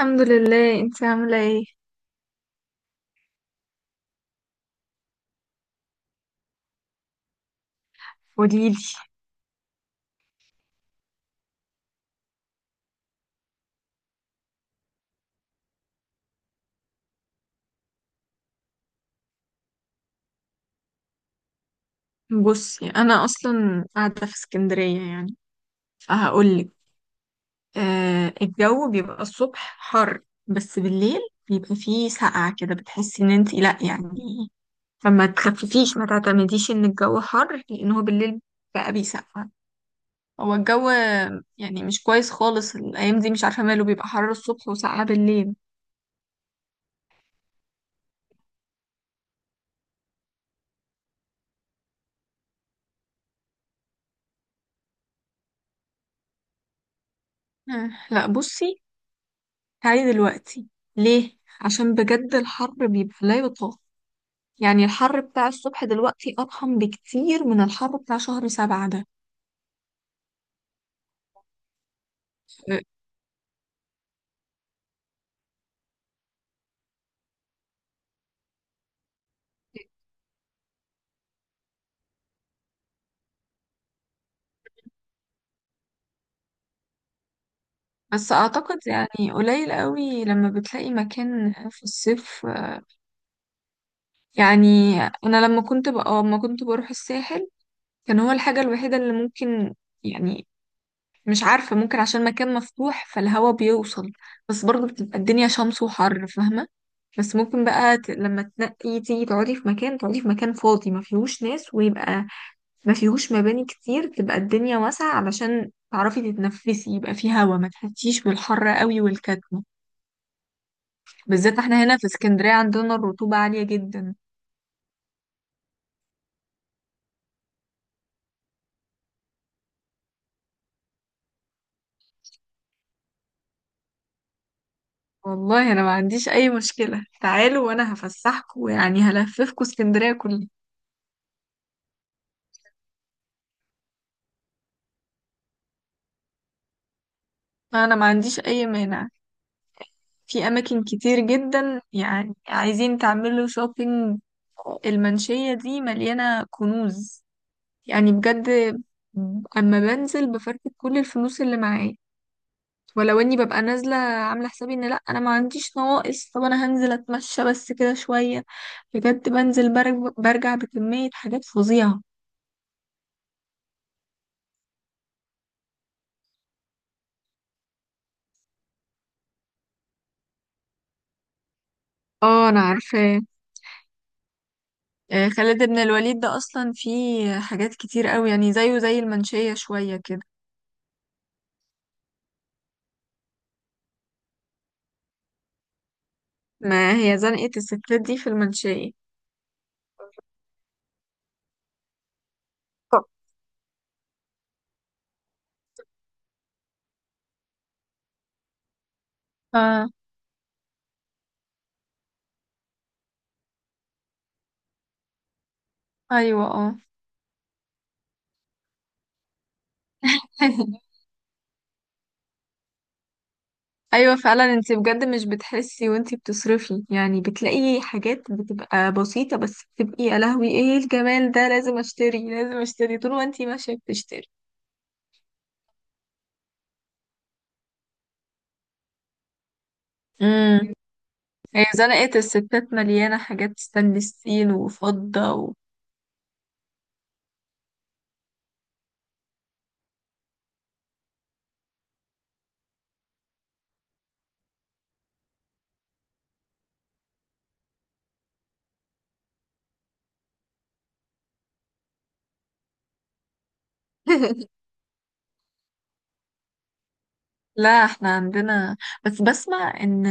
الحمد لله، انت عاملة ايه؟ قوليلي. بصي، انا اصلا قاعدة في اسكندرية يعني، فهقولك. آه، الجو بيبقى الصبح حر بس بالليل بيبقى فيه سقعة كده، بتحسي ان انت لا يعني. فما تخففيش، ما تعتمديش ان الجو حر، لان هو بالليل بقى بيسقع. هو الجو يعني مش كويس خالص الايام دي، مش عارفة ماله، بيبقى حر الصبح وسقعة بالليل. آه لا، بصي، تعالي دلوقتي. ليه؟ عشان بجد الحر بيبقى لا يطاق. يعني الحر بتاع الصبح دلوقتي أضخم بكتير من الحر بتاع شهر 7 ده. بس أعتقد يعني قليل قوي لما بتلاقي مكان في الصيف، يعني. أنا لما كنت بروح الساحل كان هو الحاجة الوحيدة اللي ممكن، يعني، مش عارفة، ممكن عشان مكان مفتوح فالهوا بيوصل. بس برضه بتبقى الدنيا شمس وحر، فاهمة؟ بس ممكن بقى لما تنقي تيجي تقعدي في مكان فاضي ما فيهوش ناس، ويبقى ما فيهوش مباني كتير، تبقى الدنيا واسعة علشان تعرفي تتنفسي، يبقى فيه هوا، ما تحسيش بالحر قوي والكتمة. بالذات احنا هنا في اسكندرية عندنا الرطوبة عالية جدا. والله انا ما عنديش اي مشكلة، تعالوا وانا هفسحكوا، يعني هلففكوا اسكندرية كلها. انا ما عنديش اي مانع. في اماكن كتير جدا، يعني عايزين تعملوا شوبينج، المنشية دي مليانة كنوز، يعني بجد. اما بنزل بفرتك كل الفلوس اللي معايا، ولو اني ببقى نازله عامله حسابي ان لا، انا ما عنديش نواقص، طب انا هنزل اتمشى بس كده شويه، بجد بنزل برجع بكميه حاجات فظيعه. اه انا عارفه. خالد بن الوليد ده اصلا فيه حاجات كتير قوي، يعني زيه زي المنشيه شويه كده. ما هي زنقه الستات دي في المنشيه. طب. اه. ايوه اه. ايوه فعلا، انت بجد مش بتحسي وانت بتصرفي، يعني بتلاقي حاجات بتبقى بسيطة بس بتبقي يا لهوي ايه الجمال ده، لازم اشتري لازم اشتري، طول ما انت ماشية بتشتري. امم. هي زنقة الستات مليانة حاجات ستانلس ستيل وفضة و... لا، احنا عندنا، بس بسمع ان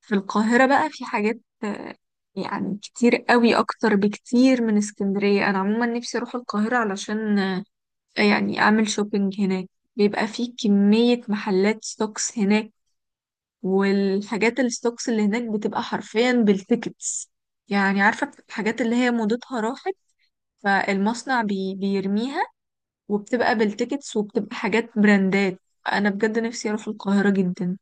في القاهرة بقى في حاجات، يعني كتير قوي، اكتر بكتير من اسكندرية. انا عموما نفسي اروح القاهرة علشان يعني اعمل شوبينج هناك. بيبقى فيه كمية محلات ستوكس هناك، والحاجات الستوكس اللي هناك بتبقى حرفيا بالتيكتس، يعني عارفة الحاجات اللي هي موضتها راحت، فالمصنع بي بيرميها، وبتبقى بالتيكتس وبتبقى حاجات براندات. انا بجد نفسي اروح القاهرة جدا.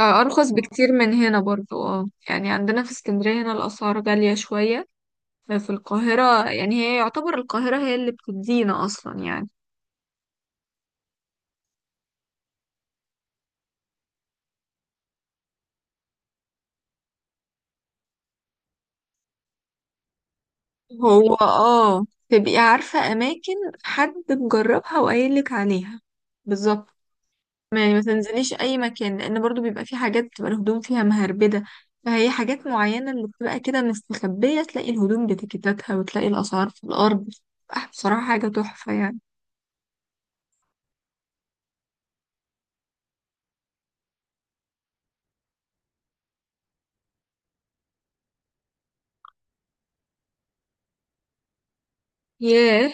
ارخص بكتير من هنا برضو، اه يعني عندنا في اسكندرية هنا الاسعار غالية شوية. في القاهرة، يعني هي يعتبر القاهرة هي اللي بتدينا اصلا، يعني. هو اه تبقي عارفة أماكن، حد مجربها وقايلك عليها. بالظبط. يعني ما تنزليش أي مكان، لأن برضو بيبقى في حاجات بتبقى الهدوم فيها مهربدة، فهي حاجات معينة اللي بتبقى كده مستخبية، تلاقي الهدوم بتكتاتها وتلاقي الأسعار في الأرض. بصراحة حاجة تحفة يعني. ياه.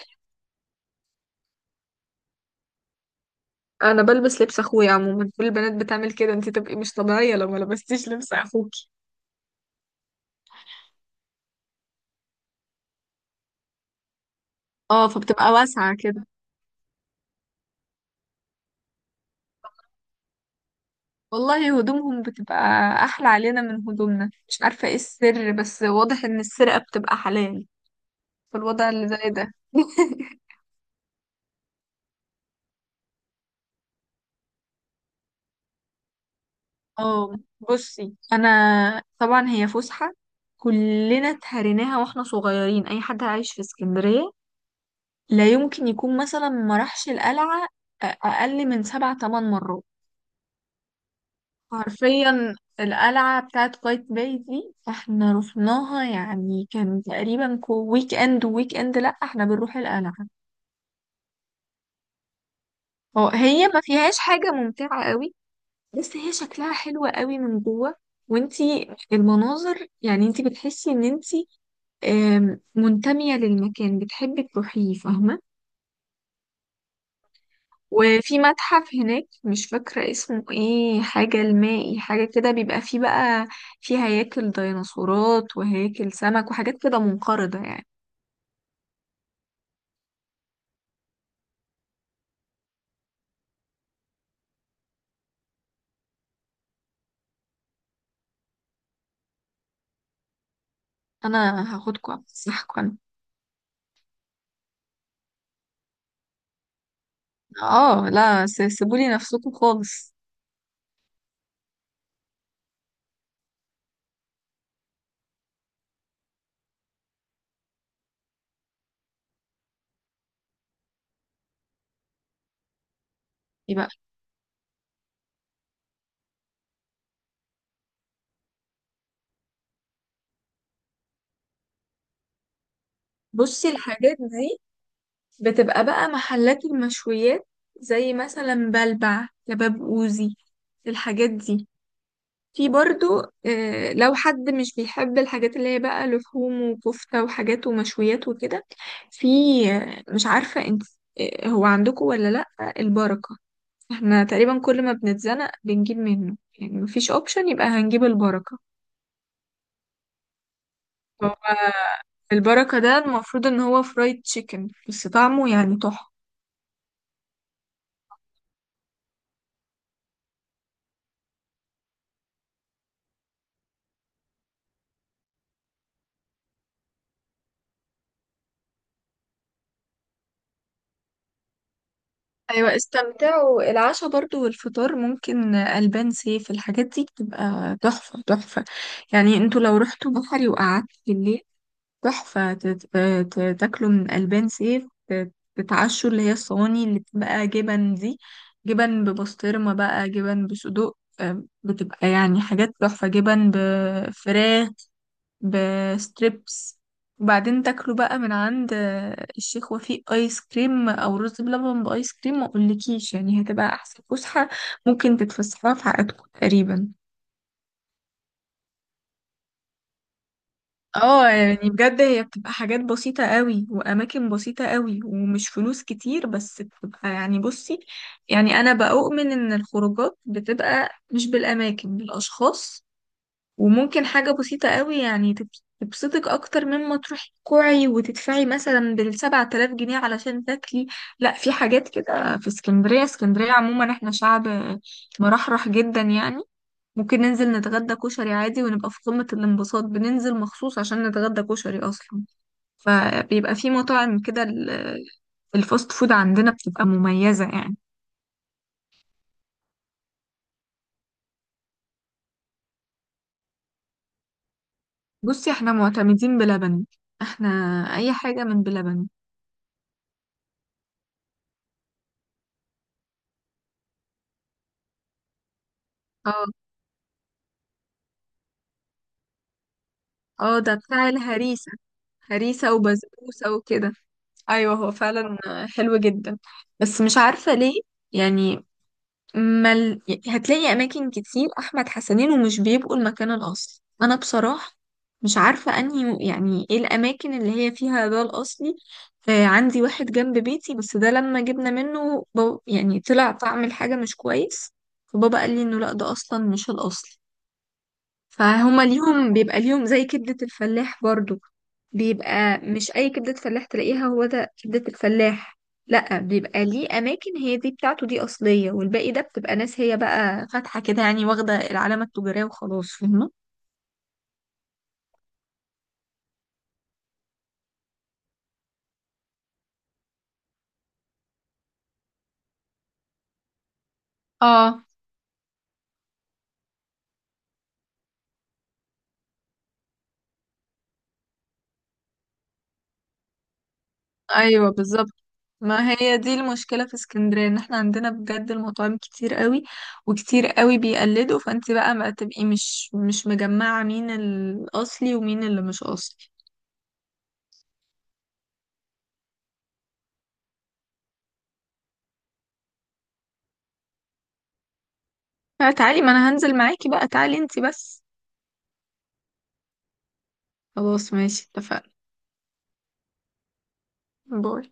أنا بلبس لبس أخويا عموما، كل البنات بتعمل كده، انتي تبقي مش طبيعية لو ما لبستيش لبس أخوكي. اه، فبتبقى واسعة كده. والله هدومهم بتبقى احلى علينا من هدومنا، مش عارفة ايه السر، بس واضح ان السرقة بتبقى حلال في الوضع اللي زي ده. اه بصي انا، طبعا هي فسحة كلنا اتهريناها واحنا صغيرين، اي حد عايش في اسكندرية لا يمكن يكون مثلا ما راحش القلعة اقل من سبع تمن مرات. حرفيا القلعة بتاعت قايتباي دي احنا رحناها، يعني كان تقريبا ويك اند ويك اند لا احنا بنروح القلعة. هو هي ما فيهاش حاجة ممتعة قوي، بس هي شكلها حلوة قوي من جوه، وانتي المناظر، يعني انتي بتحسي ان انتي منتمية للمكان، بتحبي تروحيه، فاهمة؟ وفي متحف هناك مش فاكرة اسمه ايه، حاجة المائي حاجة كده، بيبقى فيه بقى فيه هياكل ديناصورات وهياكل سمك وحاجات كده منقرضة يعني. انا هاخدكم افسحكم. اه لا، سيبولي نفسكم خالص. يبقى. بصي الحاجات دي بتبقى بقى محلات المشويات، زي مثلا بلبع كباب اوزي، الحاجات دي. في برضو، لو حد مش بيحب الحاجات اللي هي بقى لحوم وكفتة وحاجات ومشويات وكده، في، مش عارفة انت، هو عندكم ولا لأ، البركة. احنا تقريبا كل ما بنتزنق بنجيب منه، يعني مفيش اوبشن يبقى هنجيب البركة. هو البركة ده المفروض ان هو فرايد تشيكن بس طعمه يعني تحفة. ايوه استمتعوا، العشاء برضو والفطار ممكن البان سيف، الحاجات دي بتبقى تحفه تحفه. يعني انتوا لو رحتوا بحري وقعدتوا بالليل، تحفه، تاكلوا من البان سيف، تتعشوا اللي هي الصواني اللي بتبقى جبن دي، جبن ببسطرمه بقى، جبن بصدوق، بتبقى يعني حاجات تحفه، جبن بفراخ بستريبس، وبعدين تاكلوا بقى من عند الشيخ وفيق ايس كريم او رز بلبن بايس كريم، ما اقولكيش يعني هتبقى احسن فسحه ممكن تتفسحوها في حياتكم تقريبا. اه يعني بجد هي بتبقى حاجات بسيطة قوي وأماكن بسيطة قوي ومش فلوس كتير، بس بتبقى يعني بصي، يعني أنا بأؤمن إن الخروجات بتبقى مش بالأماكن بالأشخاص. وممكن حاجة بسيطة قوي يعني تبسطك أكتر مما تروحي تكوعي وتدفعي مثلا بـ7000 جنيه علشان تاكلي. لا، في حاجات كده في اسكندرية، اسكندرية عموما احنا شعب مرحرح جدا يعني. ممكن ننزل نتغدى كشري عادي ونبقى في قمة الانبساط، بننزل مخصوص عشان نتغدى كشري أصلا. فبيبقى في مطاعم كده، الفاست فود عندنا بتبقى مميزة يعني. بصي احنا معتمدين بلبن، احنا أي حاجة من بلبن. اه. اه ده بتاع الهريسة. هريسة وبسبوسة وكده. ايوه هو فعلا حلو جدا. بس مش عارفة ليه يعني مل... هتلاقي اماكن كتير احمد حسنين ومش بيبقوا المكان الاصلي. انا بصراحة مش عارفة انهي، يعني ايه الاماكن اللي هي فيها ده الاصلي. آه عندي واحد جنب بيتي، بس ده لما جبنا منه يعني طلع طعم الحاجة مش كويس، فبابا قال لي انه لا ده اصلا مش الاصلي. فهما ليهم بيبقى ليهم زي كبدة الفلاح برضو، بيبقى مش أي كبدة فلاح تلاقيها هو ده كبدة الفلاح. لأ بيبقى ليه أماكن هي دي بتاعته دي أصلية، والباقي ده بتبقى ناس هي بقى فاتحة كده، يعني واخدة العلامة التجارية وخلاص، فاهمة؟ اه. ايوه بالظبط. ما هي دي المشكله في اسكندريه، ان احنا عندنا بجد المطاعم كتير قوي وكتير قوي بيقلدوا، فانت بقى ما تبقي مش مجمعه مين الاصلي ومين اللي مش اصلي. لا تعالي، ما انا هنزل معاكي بقى، تعالي انتي بس. خلاص ماشي اتفقنا. باي.